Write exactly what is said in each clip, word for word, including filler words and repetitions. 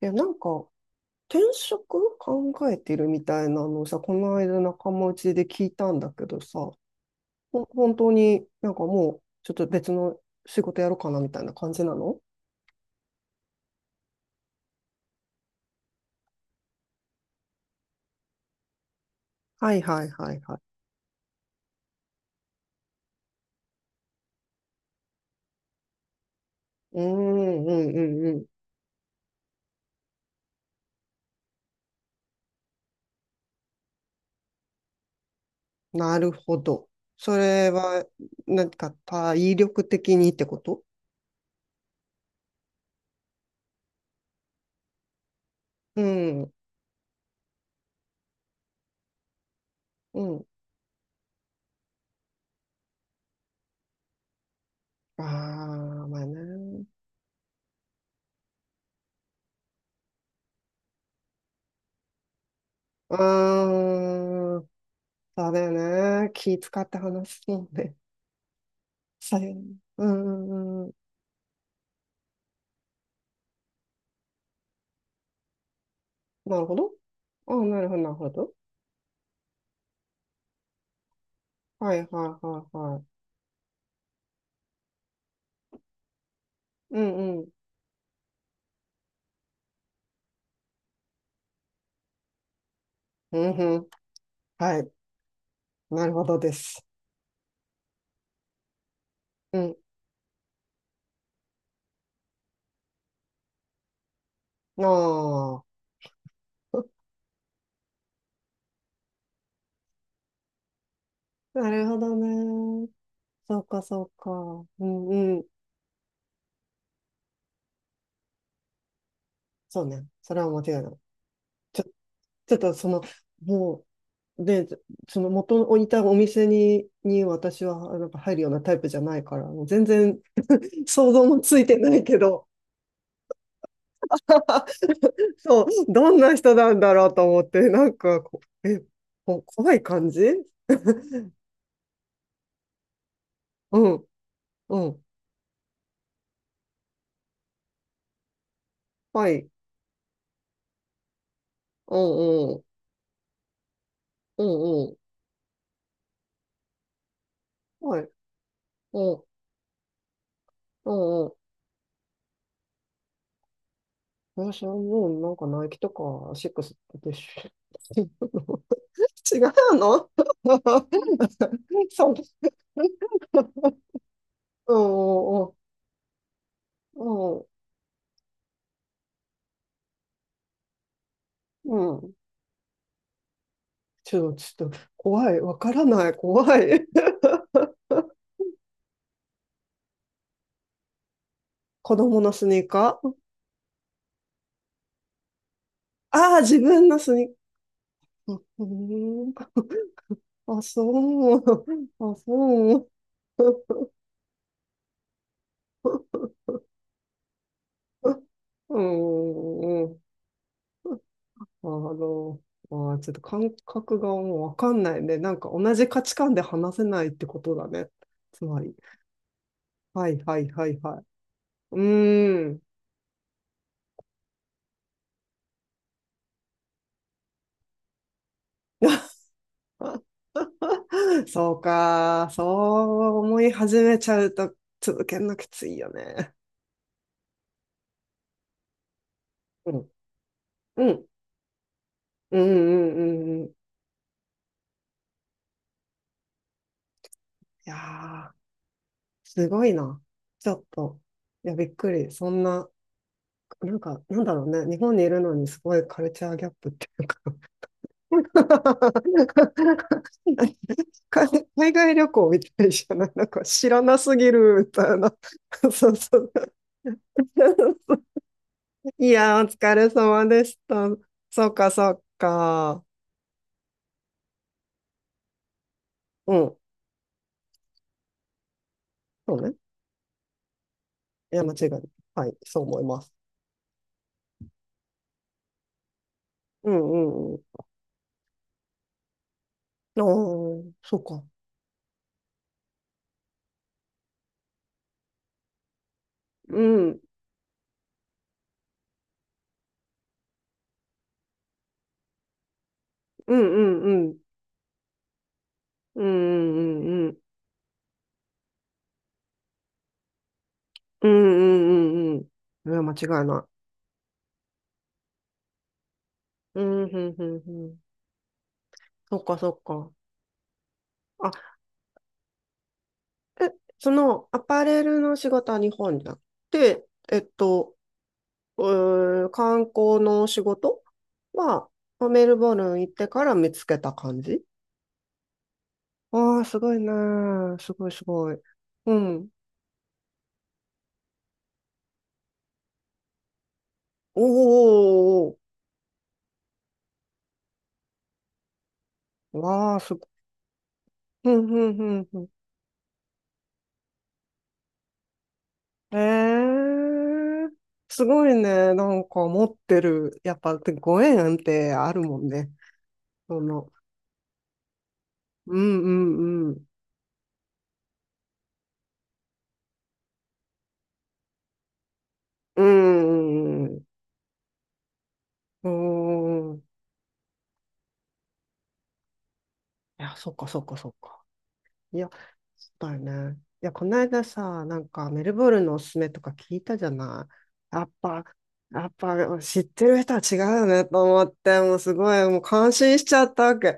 いや、なんか、転職考えてるみたいなのをさ、この間仲間内で聞いたんだけどさ、ほ本当になんかもう、ちょっと別の仕事やろうかなみたいな感じなの。はいはいはいはい。うーんうんうんうん。なるほど。それは、なんか体力的にってこと。うん、うん。ああ、まあね。うーん、そうだよね。気使って話すもんね。さよ、うんうん。なるほど。あ、なるほど、なるほど。はい、はい、はい、はい。うん、うん。うんうん。はい。なるほどです。うん。ああ。なるほどね。そうか、そうか。うん、うん。そうね。それは間違いない。ちょ、ちょっとその、もう、で、その元をいたお店に、に私はなんか入るようなタイプじゃないから、もう全然想像もついてないけど。そう、どんな人なんだろうと思って、なんかこ、え、こ、怖い感じ。うん、うん、はい、うんうん、うんうん、はい、うん、うんうん。私はもうなんかナイキとかシックスでしょ。違うの。 そう。うんうんうんうん。ちょっと、ちょっと、怖い。わからない。怖い。子供のスニーカー。ああー、自分のスニーカー。うん、あ、そう。あ、そう。うん。うん。あの、あー、ちょっと感覚がもうわかんないね。なんか同じ価値観で話せないってことだね。つまり。はいはいはいはい。うーん。そうか。そう思い始めちゃうと続けるのきついよね。うん。うん。うんうんうんうん。いやー、すごいな。ちょっと。いや、びっくり。そんな。なんか、なんだろうね。日本にいるのにすごいカルチャーギャップっていうか。 海海外旅行みたいじゃない、なんか知らなすぎるみたいな。そうそう。いや、お疲れ様でした。そうか、そうか。うん。そうね。いや、間違いない。はい、そう思います。うんうんうん。ああ、そうか。うん。うんうんうん。うんうんうんうん。うんうんうんうん。いや、間違いない。うん、うん、うん、うん。そっか、そっか。あ、え、その、アパレルの仕事は日本じゃなくて、えっと、うー観光の仕事は、まあメルボルン行ってから見つけた感じ。ああー、すごいね。すごい、すごい。うん。おーおーおーおーわあ、すごい。うん、うん、うん、うん。ええー、すごいね。なんか持ってる。やっぱ、ご縁ってあるもんね。その、うんうん、うーん。うーん。いや、そっかそっかそっか。いや、そうだよね。いや、この間さ、なんかメルボルンのおすすめとか聞いたじゃない。やっぱ、やっぱ知ってる人は違うよねと思って、もうすごい、もう感心しちゃったわけ。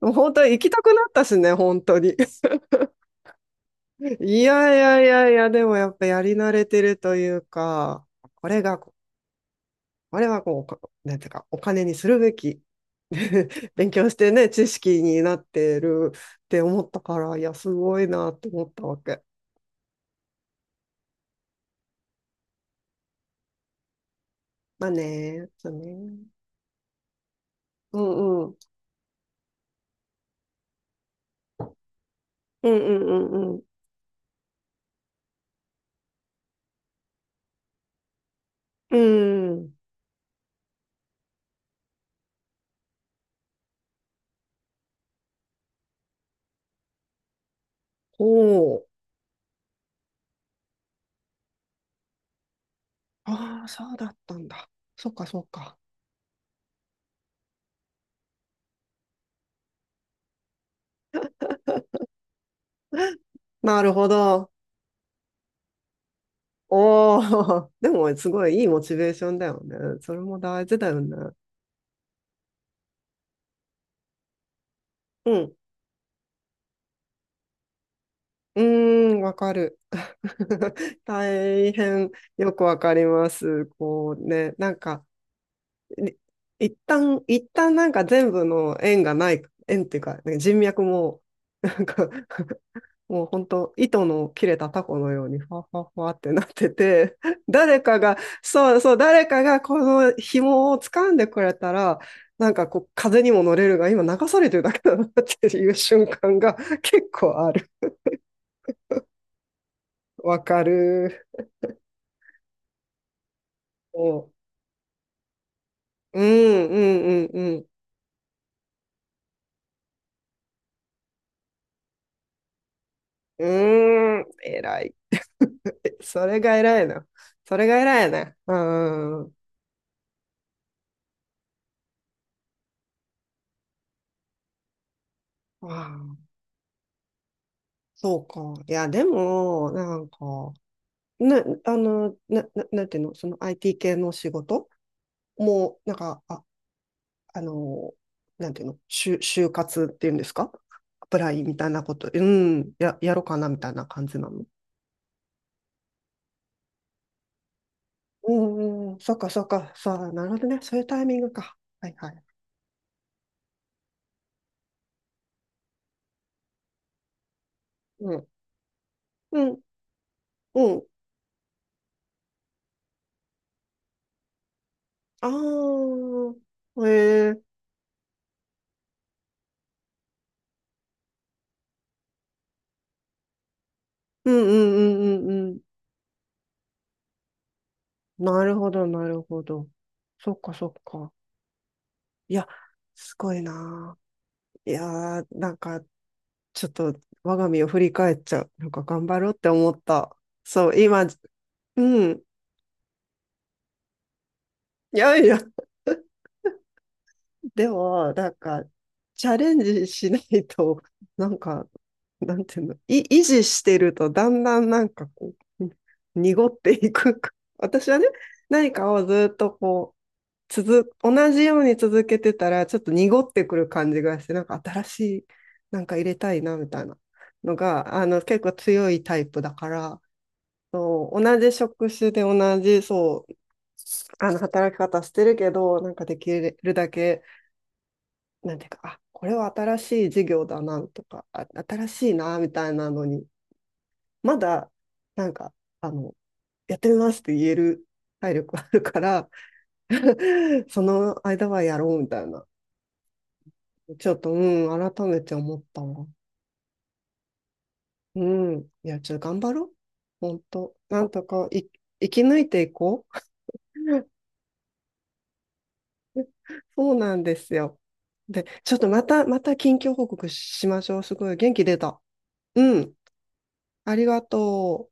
もう本当に行きたくなったしね、本当に。いやいやいやいや、でもやっぱやり慣れてるというか、これがあれはこう、おかなんていうか、お金にするべき。勉強してね、知識になってるって思ったから、いや、すごいなって思ったわけ。まあね、そうね。うんうん。うんうんうんうん。うん。おお。ああ、そうだったんだ。そっかそっか。なるほど。おお。でも、すごいいいモチベーションだよね。それも大事だよね。うん。うーん、わかる。大変よくわかります。こうね、なんか、い、一旦、一旦なんか全部の縁がない、縁っていうか、ね人脈も、なんか、もう本当、糸の切れたタコのように、ファファファってなってて、誰かが、そうそう、誰かがこの紐を掴んでくれたら、なんかこう、風にも乗れるが、今流されてるだけだなっていう瞬間が 結構ある。わかる。お、うんうんうんうん。うーん、偉い。それが偉いな。それが偉いね。うんうんうん。ああ、そうか。いや、でも、なんか、な、あの、な、な、なんていうの、その アイティー 系の仕事もう、なんか、あ、あの、なんていうの、就、就活っていうんですか、アプライみたいなこと、うん、や、やろうかなみたいな感じなの。うんうんうん、そっかそっか、そう、なるほどね。そういうタイミングか。はいはい。うん。うんうん。ああ、へえ。うんうんうんうんうん。なるほど、なるほど。そっかそっか。いや、すごいなあ。いやー、なんか、ちょっと、我が身を振り返っちゃう。なんか、頑張ろうって思った。そう、今、うん。いやいや。でも、なんか、チャレンジしないと、なんか、なんていうの、い、維持してると、だんだんなんかこう、に濁っていく。私はね、何かをずっとこう、続、同じように続けてたら、ちょっと濁ってくる感じがして、なんか新しい、なんか入れたいな、みたいなのが、あの、結構強いタイプだから、そう同じ職種で同じ、そう、あの、働き方してるけど、なんかできるだけ、なんていうか、あ、これは新しい事業だなとか、あ、新しいなみたいなのに、まだ、なんか、あの、やってみますって言える体力あるから その間はやろうみたいな。ちょっと、うん、改めて思ったわ。うん。いや、ちょっと頑張ろう。本当。なんとかい、生き抜いていこう そうなんですよ。で、ちょっとまた、また近況報告しましょう。すごい元気出た。うん。ありがとう。